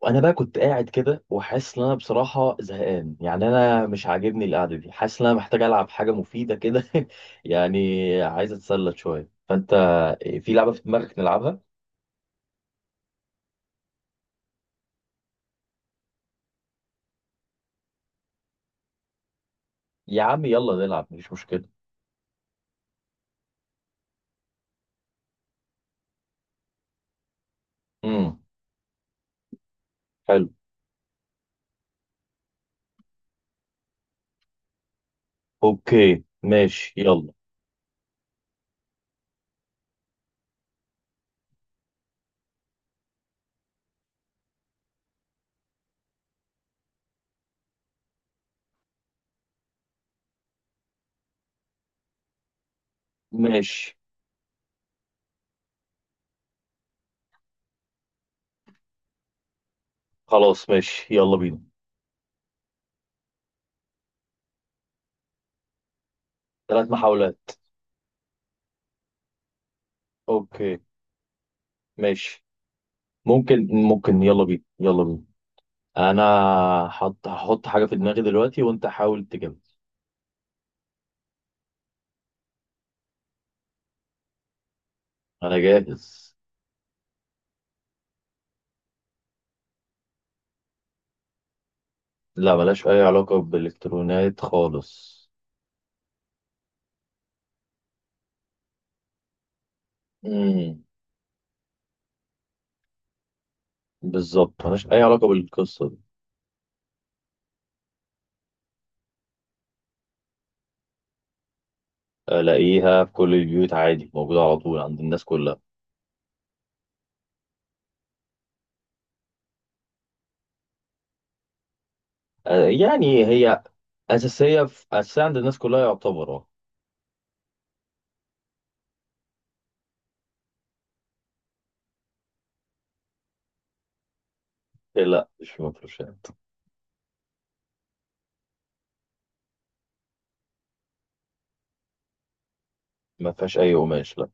وانا بقى كنت قاعد كده وحاسس ان انا بصراحه زهقان، يعني انا مش عاجبني القعده دي، حاسس ان انا محتاج العب حاجه مفيده كده يعني عايز اتسلى شويه، فانت في لعبه في دماغك نلعبها؟ يا عم يلا نلعب مفيش مشكله. امم. حلو. اوكي ماشي يلا. ماشي. خلاص ماشي يلا بينا. ثلاث محاولات. اوكي. ماشي. ممكن يلا بينا يلا بينا. انا هحط حاجه في دماغي دلوقتي وانت حاول تجيبها. انا جاهز. لا، ملهاش أي علاقة بالإلكترونات خالص. امم بالظبط ملهاش أي علاقة بالقصة دي. ألاقيها في كل البيوت عادي، موجودة على طول عند الناس كلها. يعني هي أساسية، في أساسية عند الناس كلها يعتبر اه. إيه لا مش مفروشات. ما فيهاش أي قماش لا.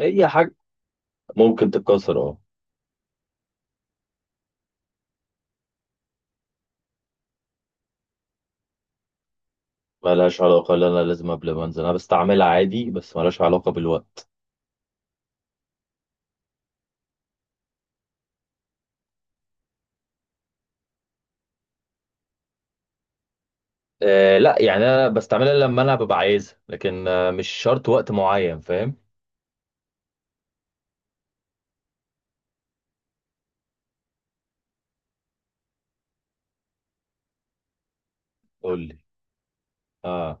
هي حاجة ممكن تتكسر اه. ملهاش علاقة، لا أنا لازم قبل ما أنزل، أنا بستعملها عادي بس ملهاش علاقة بالوقت. أه لا، يعني أنا بستعملها لما أنا ببقى عايزها لكن مش شرط وقت معين، فاهم. قول لي. اه.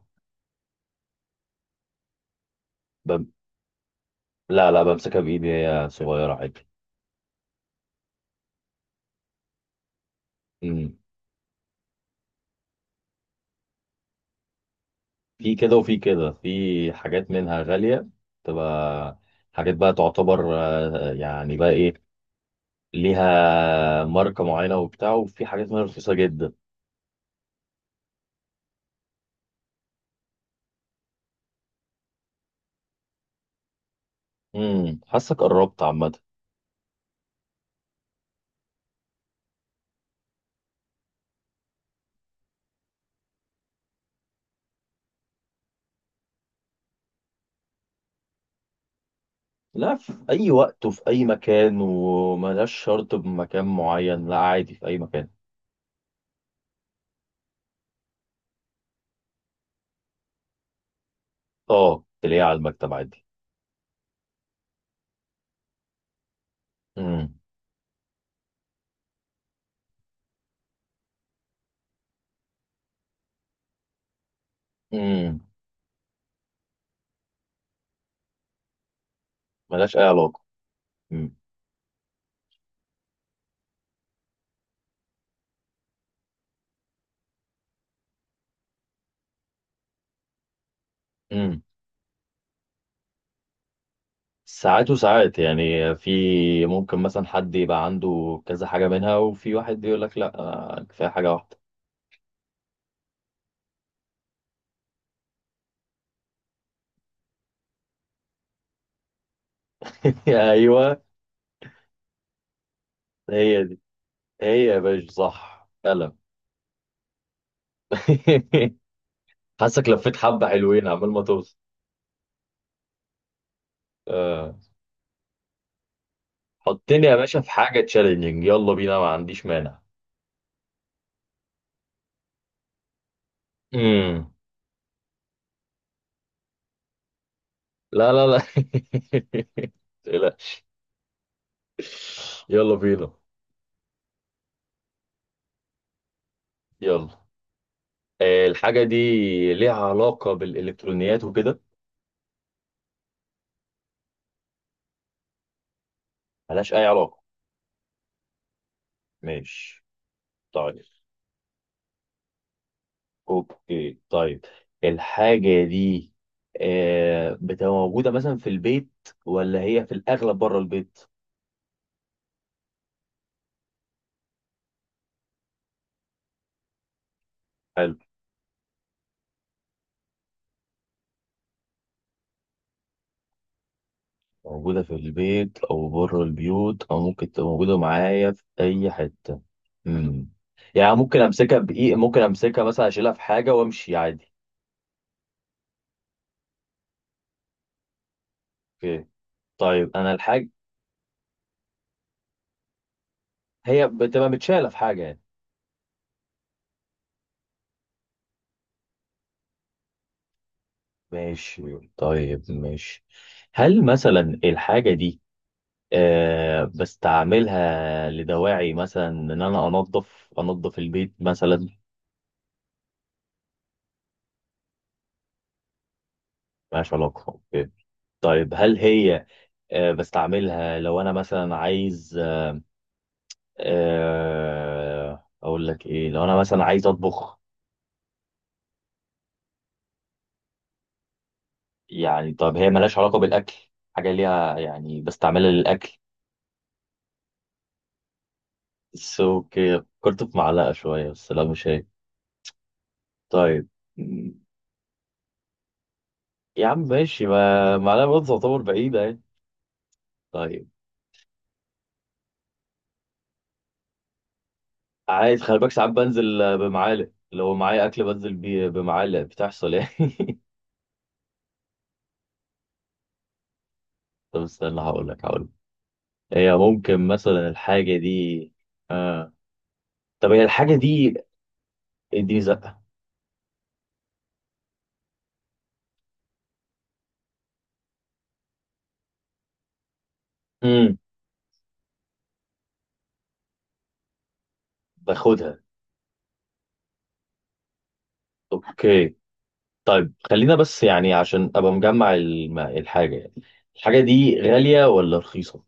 بم... لا لا، بمسكها بإيدي هي صغيرة عادي. امم. في كده وفي كده، في حاجات منها غالية، تبقى حاجات بقى تعتبر يعني بقى إيه، ليها ماركة معينة وبتاع، وفي حاجات منها رخيصة جدا. حاسك قربت عامة. لا، في أي وقت وفي أي مكان، وملهاش شرط بمكان معين، لا عادي في أي مكان. اه تلاقيها على المكتب عادي. امم امم ملهاش أي علاقة. امم ساعات وساعات، يعني في ممكن مثلا حد يبقى عنده كذا حاجة منها، وفي واحد يقول لك لا أنا كفاية حاجة واحدة. ايوه. هي دي. هي يا باشا صح فعلا. حاسك لفيت حبة حلوين عمال ما توصل. آه. حطني يا باشا في حاجة تشالنجينج، يلا بينا ما عنديش مانع. امم. لا لا لا. لا. يلا بينا. يلا. الحاجة دي ليها علاقة بالإلكترونيات وكده؟ ملهاش أي علاقة. ماشي. طيب. اوكي طيب، الحاجة دي بتبقى موجودة مثلا في البيت ولا هي في الأغلب بره البيت؟ حلو. موجودة في البيت أو بره البيوت أو ممكن تبقى موجودة معايا في أي حتة. مم. يعني ممكن أمسكها مثلا أشيلها في حاجة وأمشي عادي. اوكي طيب أنا الحاجة. هي بتبقى متشالة في حاجة يعني. ماشي طيب ماشي. هل مثلا الحاجة دي بستعملها لدواعي مثلا ان انا انظف البيت مثلا. ملهاش علاقه، أوكي. طيب هل هي بستعملها لو انا مثلا عايز اقول لك ايه، لو انا مثلا عايز اطبخ. يعني طب هي ملهاش علاقه بالاكل، حاجه ليها يعني بستعملها للاكل. بس اوكي، فكرت في معلقه شويه بس لا مش هي. طيب. م- يا عم ماشي، ما معلقه برضه تعتبر بعيده يعني. طيب. عايز خلي بالك، ساعات بنزل بمعالق، لو معايا اكل بنزل بيه بمعالق بتحصل يعني. طب استنى، هقول لك. هي ممكن مثلا الحاجه دي. آه. طب هي الحاجه دي. اديني زقه. امم. باخدها. اوكي. طيب خلينا بس، يعني عشان ابقى مجمع الحاجه يعني. الحاجه دي غاليه ولا رخيصه؟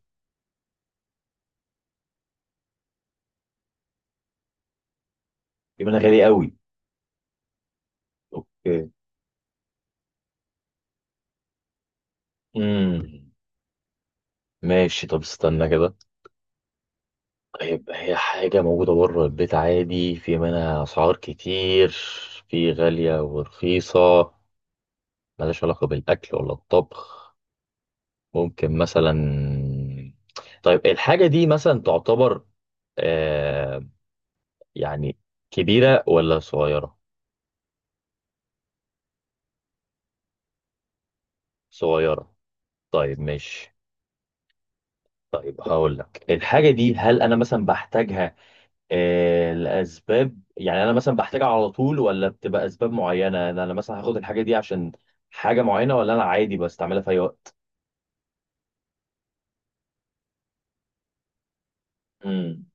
يبقى انا غاليه قوي. اوكي. امم ماشي، طب استنى كده. هيبقى هي حاجة موجودة بره البيت عادي، في منها أسعار كتير، في غالية ورخيصة، ملهاش علاقة بالأكل ولا الطبخ، ممكن مثلا. طيب الحاجة دي مثلا تعتبر آه يعني كبيرة ولا صغيرة؟ صغيرة، طيب ماشي. طيب هقول لك، الحاجة دي هل أنا مثلا بحتاجها الاسباب يعني انا مثلا بحتاجها على طول، ولا بتبقى اسباب معينه، أنا مثلا هاخد الحاجه دي عشان حاجه معينه، ولا انا عادي بستعملها في اي وقت. امم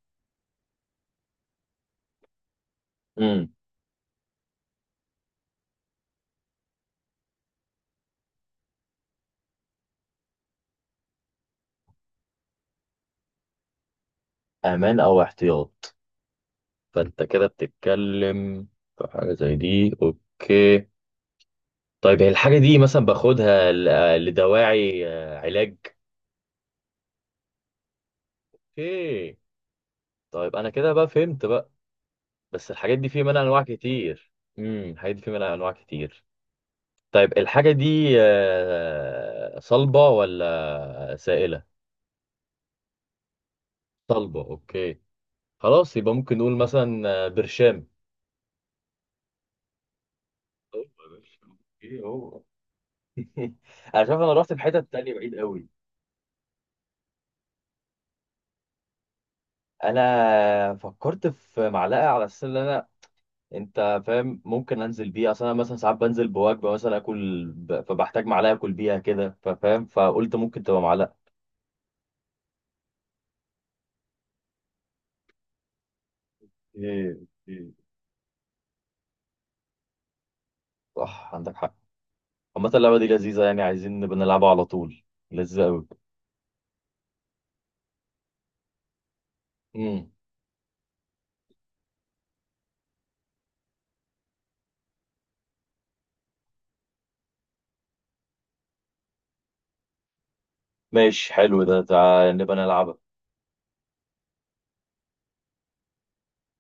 امم امان او احتياط، فانت كده بتتكلم في حاجه زي دي، اوكي. طيب هي الحاجه دي مثلا باخدها لدواعي علاج. اوكي. طيب انا كده بقى فهمت بقى، بس الحاجات دي في منها انواع كتير. الحاجات دي في منها انواع كتير. طيب الحاجة دي صلبة ولا سائلة؟ صلبة، اوكي. خلاص يبقى ممكن نقول مثلا برشام. هو يا باشا. ايه هو. انا شايف انا رحت في حتة تانية بعيد قوي. انا فكرت في معلقة على اساس ان انا، انت فاهم ممكن انزل بيها، اصل انا مثلا ساعات بنزل بوجبة مثلا اكل فبحتاج معلقة اكل بيها كده، ففاهم، فقلت ممكن تبقى معلقة. ايه. ايه صح، عندك حق. عامة اللعبة دي لذيذة، يعني عايزين نبقى نلعبها على طول، لذيذة قوي. امم ماشي حلو ده، تعال نبقى نلعبها.